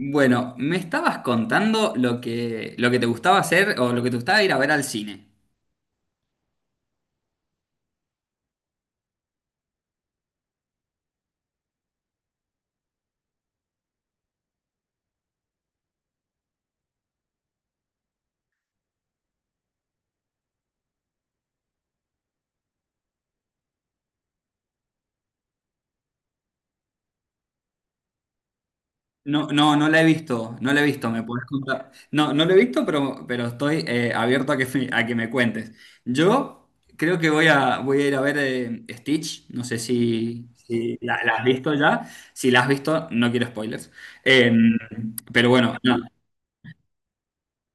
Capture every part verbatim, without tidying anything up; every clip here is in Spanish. Bueno, me estabas contando lo que, lo que te gustaba hacer o lo que te gustaba ir a ver al cine. No, no, no la he visto, no la he visto, me puedes contar. No, no la he visto, pero, pero estoy eh, abierto a que, me- a que me cuentes. Yo creo que voy a, voy a ir a ver eh, Stitch, no sé si, si la, la has visto ya. Si la has visto, no quiero spoilers. Eh, pero bueno, no.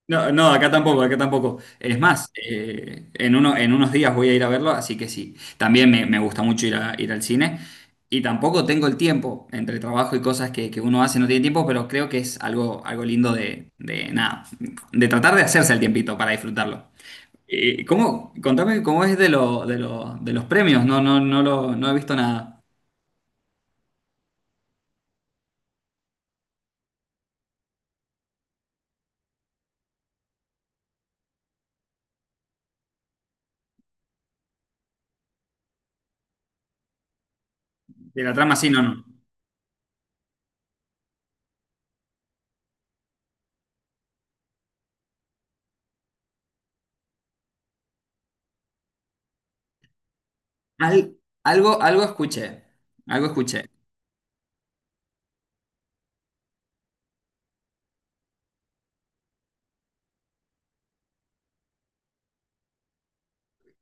No, no, Acá tampoco, acá tampoco. Es más, eh, en uno, en unos días voy a ir a verlo, así que sí. También me, me gusta mucho ir a, ir al cine. Y tampoco tengo el tiempo, entre trabajo y cosas que, que uno hace, no tiene tiempo, pero creo que es algo, algo lindo de, de nada, de tratar de hacerse el tiempito para disfrutarlo. Eh, ¿cómo? Contame cómo es de lo, de lo- de los premios. No, no, no lo, no he visto nada. De la trama, sí, no, no. Al- Algo, algo escuché. Algo escuché.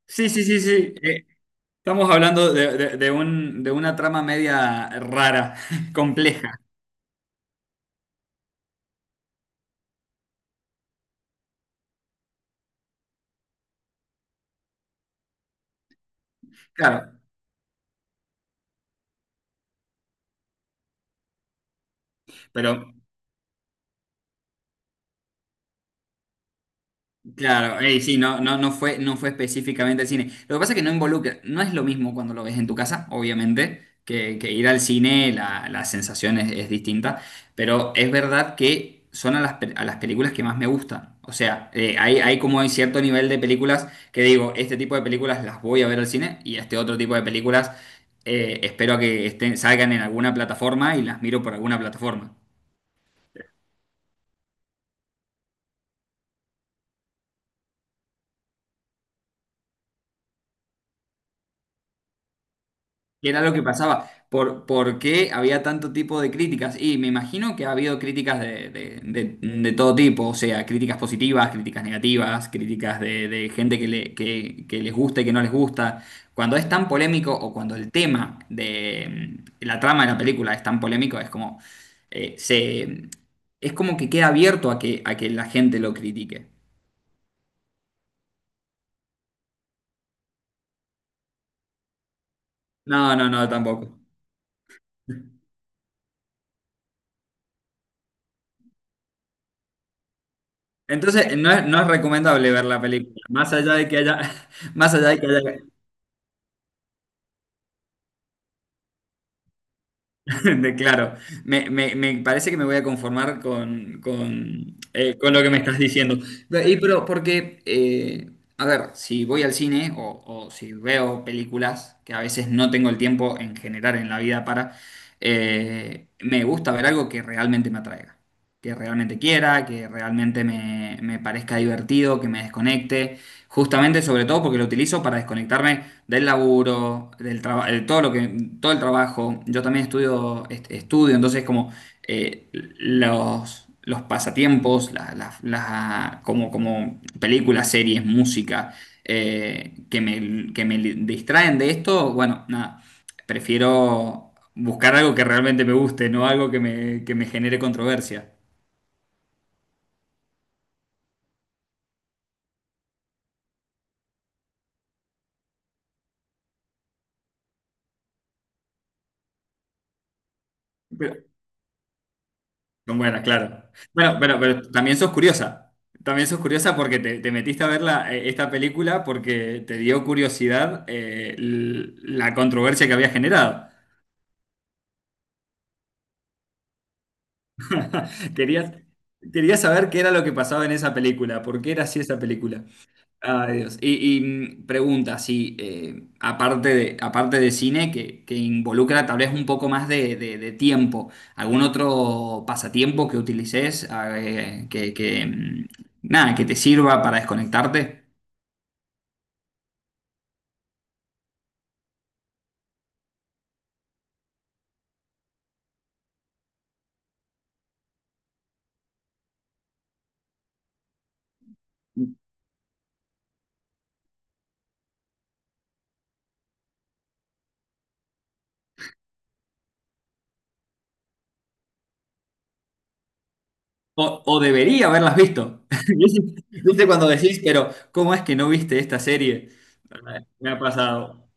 Sí, sí, sí, sí. Eh, Estamos hablando de, de- de un- de una trama media rara, compleja, claro, pero claro, ey, sí, no, no, no fue, no fue específicamente el cine. Lo que pasa es que no involucra, no es lo mismo cuando lo ves en tu casa, obviamente, que, que ir al cine, la, la sensación es, es distinta, pero es verdad que son a las, pe- a las películas que más me gustan. O sea, eh, hay, hay como hay cierto nivel de películas que digo, este tipo de películas las voy a ver al cine y este otro tipo de películas eh, espero a que estén, salgan en alguna plataforma y las miro por alguna plataforma. Y era lo que pasaba. ¿Por, por qué había tanto tipo de críticas? Y me imagino que ha habido críticas de, de- de- de todo tipo, o sea, críticas positivas, críticas negativas, críticas de, de gente que, le, que, que les gusta y que no les gusta. Cuando es tan polémico o cuando el tema de mm, la trama de la película es tan polémico, es como, eh, se, es como que queda abierto a que, a que la gente lo critique. No, no, no, tampoco. Entonces, no es, no es recomendable ver la película, más allá de que haya... Más allá de que haya de, claro, me, me- me parece que me voy a conformar con, con, eh, con lo que me estás diciendo. Y pero porque, eh, a ver, si voy al cine o, o si veo películas, que a veces no tengo el tiempo en general en la vida para, eh, me gusta ver algo que realmente me atraiga, que realmente quiera, que realmente me, me parezca divertido, que me desconecte. Justamente, sobre todo porque lo utilizo para desconectarme del laburo, del trabajo, todo lo que, todo el trabajo. Yo también estudio, est- estudio, entonces como eh, los, los pasatiempos, la- la- la- como, como películas, series, música, eh, que me, que me li- distraen de esto, bueno, nada, prefiero buscar algo que realmente me guste, no algo que me, que me genere controversia. Pero son buenas, claro. Bueno, pero, pero también sos curiosa. También sos curiosa porque te, te metiste a ver la- eh, esta película porque te dio curiosidad eh, l- la controversia que había generado. Querías, querías saber qué era lo que pasaba en esa película, por qué era así esa película. Ay, Dios. Y, y, mm, pregunta, si eh, aparte de, aparte de cine, que, que involucra tal vez un poco más de, de- de tiempo, ¿algún otro pasatiempo que utilices ah, eh, que, que, mm, nada, que te sirva para desconectarte? O, o debería haberlas visto. ¿Viste viste cuando decís, pero ¿cómo es que no viste esta serie? Ah, me ha pasado.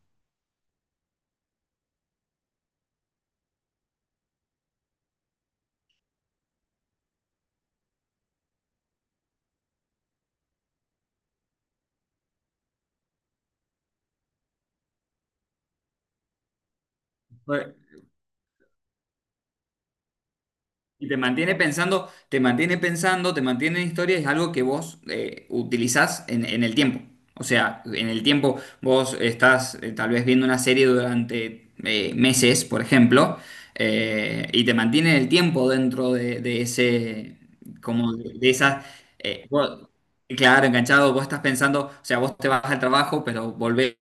Y te mantiene pensando, te mantiene pensando, te mantiene en historia, es algo que vos eh, utilizás en, en el tiempo. O sea, en el tiempo vos estás eh, tal vez viendo una serie durante eh, meses, por ejemplo, eh, y te mantiene el tiempo dentro de, de ese, como de, de esas, eh, vos- claro, enganchado, vos estás pensando, o sea, vos te vas al trabajo, pero volvés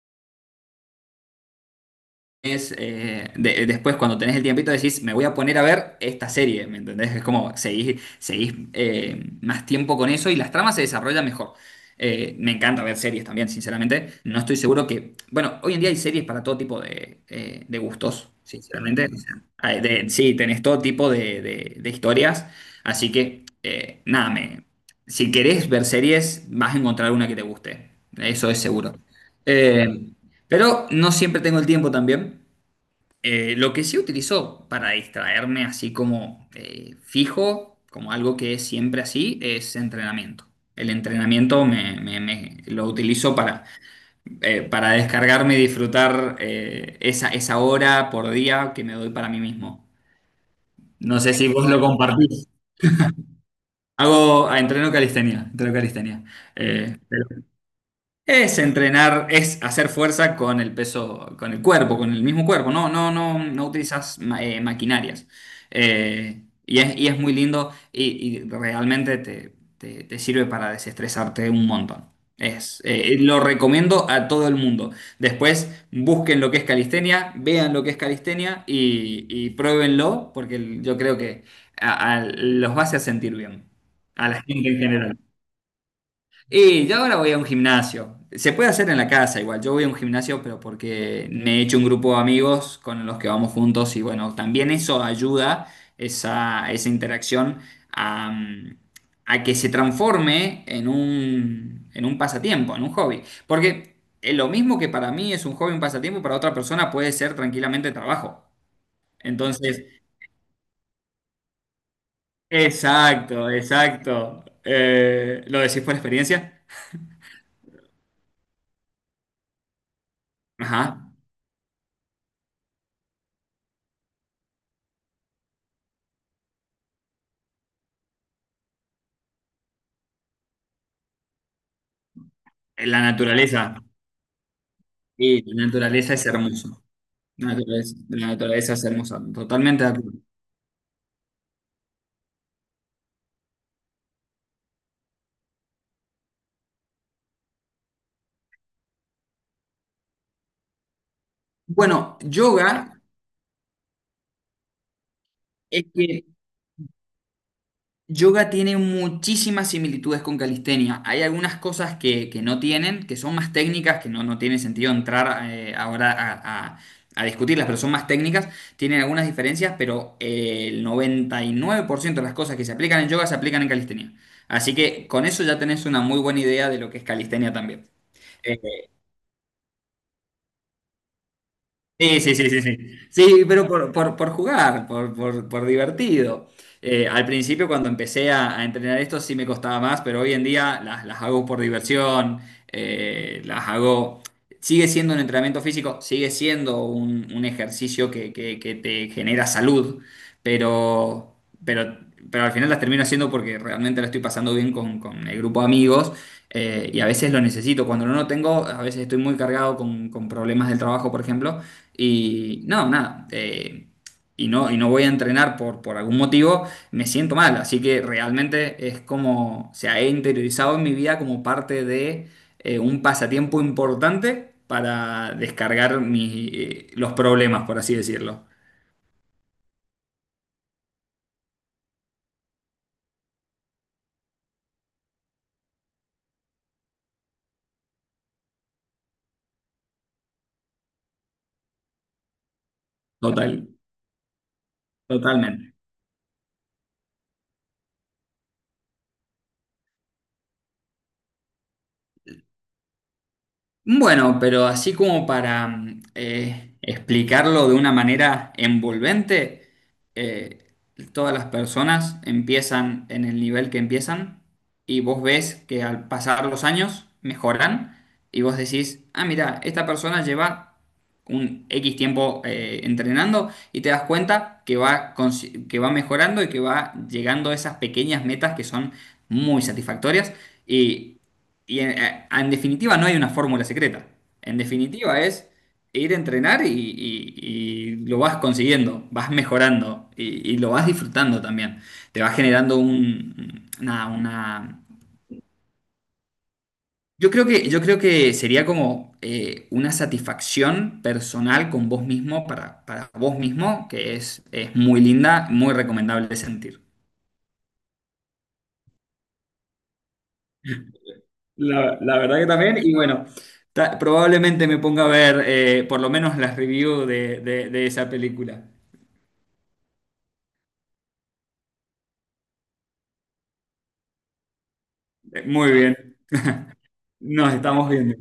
es, eh, de- después cuando tenés el tiempito decís, me voy a poner a ver esta serie, ¿me entendés? Es como seguís, seguís eh, más tiempo con eso y las tramas se desarrollan mejor. Eh, me encanta ver series también, sinceramente. No estoy seguro que, bueno, hoy en día hay series para todo tipo de, eh, de gustos, sinceramente. O sea, hay de- sí, tenés todo tipo de, de- de historias, así que eh, nada, me, si querés ver series, vas a encontrar una que te guste, eso es seguro. Eh, pero no siempre tengo el tiempo también. Eh, lo que sí utilizo para distraerme así como eh, fijo, como algo que es siempre así, es entrenamiento. El entrenamiento me, me- me- Lo utilizo para, eh, para descargarme y disfrutar eh, esa, esa hora por día que me doy para mí mismo. No sé si vos lo compartís. Hago, ah, entreno calistenia, entreno calistenia. Eh, Es entrenar, es hacer fuerza con el peso, con el cuerpo, con el mismo cuerpo. No, no, no, no utilizas ma- eh, maquinarias. Eh, y es, y es muy lindo y, y realmente te, te- te sirve para desestresarte un montón. Es, eh, eh, lo recomiendo a todo el mundo. Después busquen lo que es calistenia, vean lo que es calistenia y, y pruébenlo, porque yo creo que a, a- los va a hacer sentir bien. A la gente en general. Y yo ahora voy a un gimnasio. Se puede hacer en la casa igual. Yo voy a un gimnasio, pero porque me he hecho un grupo de amigos con los que vamos juntos y bueno, también eso ayuda, esa, esa interacción, a, mm, a que se transforme en un, en un pasatiempo, en un hobby. Porque eh, lo mismo que para mí es un hobby, un pasatiempo, para otra persona puede ser tranquilamente trabajo. Entonces, exacto, exacto. Eh, ¿lo decís por experiencia? Ajá. La naturaleza. Sí, la naturaleza es hermosa. La naturaleza, la naturaleza es hermosa. Totalmente de acuerdo. Bueno, yoga es que yoga tiene muchísimas similitudes con calistenia. Hay algunas cosas que, que no tienen, que son más técnicas, que no, no tiene sentido entrar eh, ahora a, a- a discutirlas, pero son más técnicas. Tienen algunas diferencias, pero eh, el noventa y nueve por ciento de las cosas que se aplican en yoga se aplican en calistenia. Así que con eso ya tenés una muy buena idea de lo que es calistenia también. Eh, Sí, sí, sí, sí, sí. Sí, pero por, por, por jugar, por, por, por divertido. Eh, al principio, cuando empecé a, a entrenar esto, sí me costaba más, pero hoy en día las, las hago por diversión, eh, las hago... Sigue siendo un entrenamiento físico, sigue siendo un, un ejercicio que, que- que te genera salud, pero, pero, pero al final las termino haciendo porque realmente la estoy pasando bien con, con el grupo de amigos. Eh, y a veces lo necesito. Cuando no lo tengo, a veces estoy muy cargado con, con problemas del trabajo, por ejemplo. Y no, nada. Eh, y no, y no voy a entrenar por, por algún motivo, me siento mal. Así que realmente es como, o sea, he interiorizado en mi vida como parte de eh, un pasatiempo importante para descargar mi- eh, los problemas, por así decirlo. Total, totalmente. Bueno, pero así como para mm, eh, explicarlo de una manera envolvente, eh, todas las personas empiezan en el nivel que empiezan y vos ves que al pasar los años mejoran y vos decís, ah, mira, esta persona lleva un X tiempo eh, entrenando y te das cuenta que va, consi- que va mejorando y que va llegando a esas pequeñas metas que son muy satisfactorias y en, eh, en definitiva no hay una fórmula secreta. En definitiva es ir a entrenar y, y- y lo vas consiguiendo, vas mejorando y, y lo vas disfrutando también. Te va generando un, nada, una... Yo creo que, yo creo que sería como eh, una satisfacción personal con vos mismo, para, para vos mismo, que es, es muy linda, muy recomendable de sentir. La, la verdad que también, y bueno, ta- probablemente me ponga a ver eh, por lo menos las reviews de, de- de esa película. Muy bien, nos estamos viendo.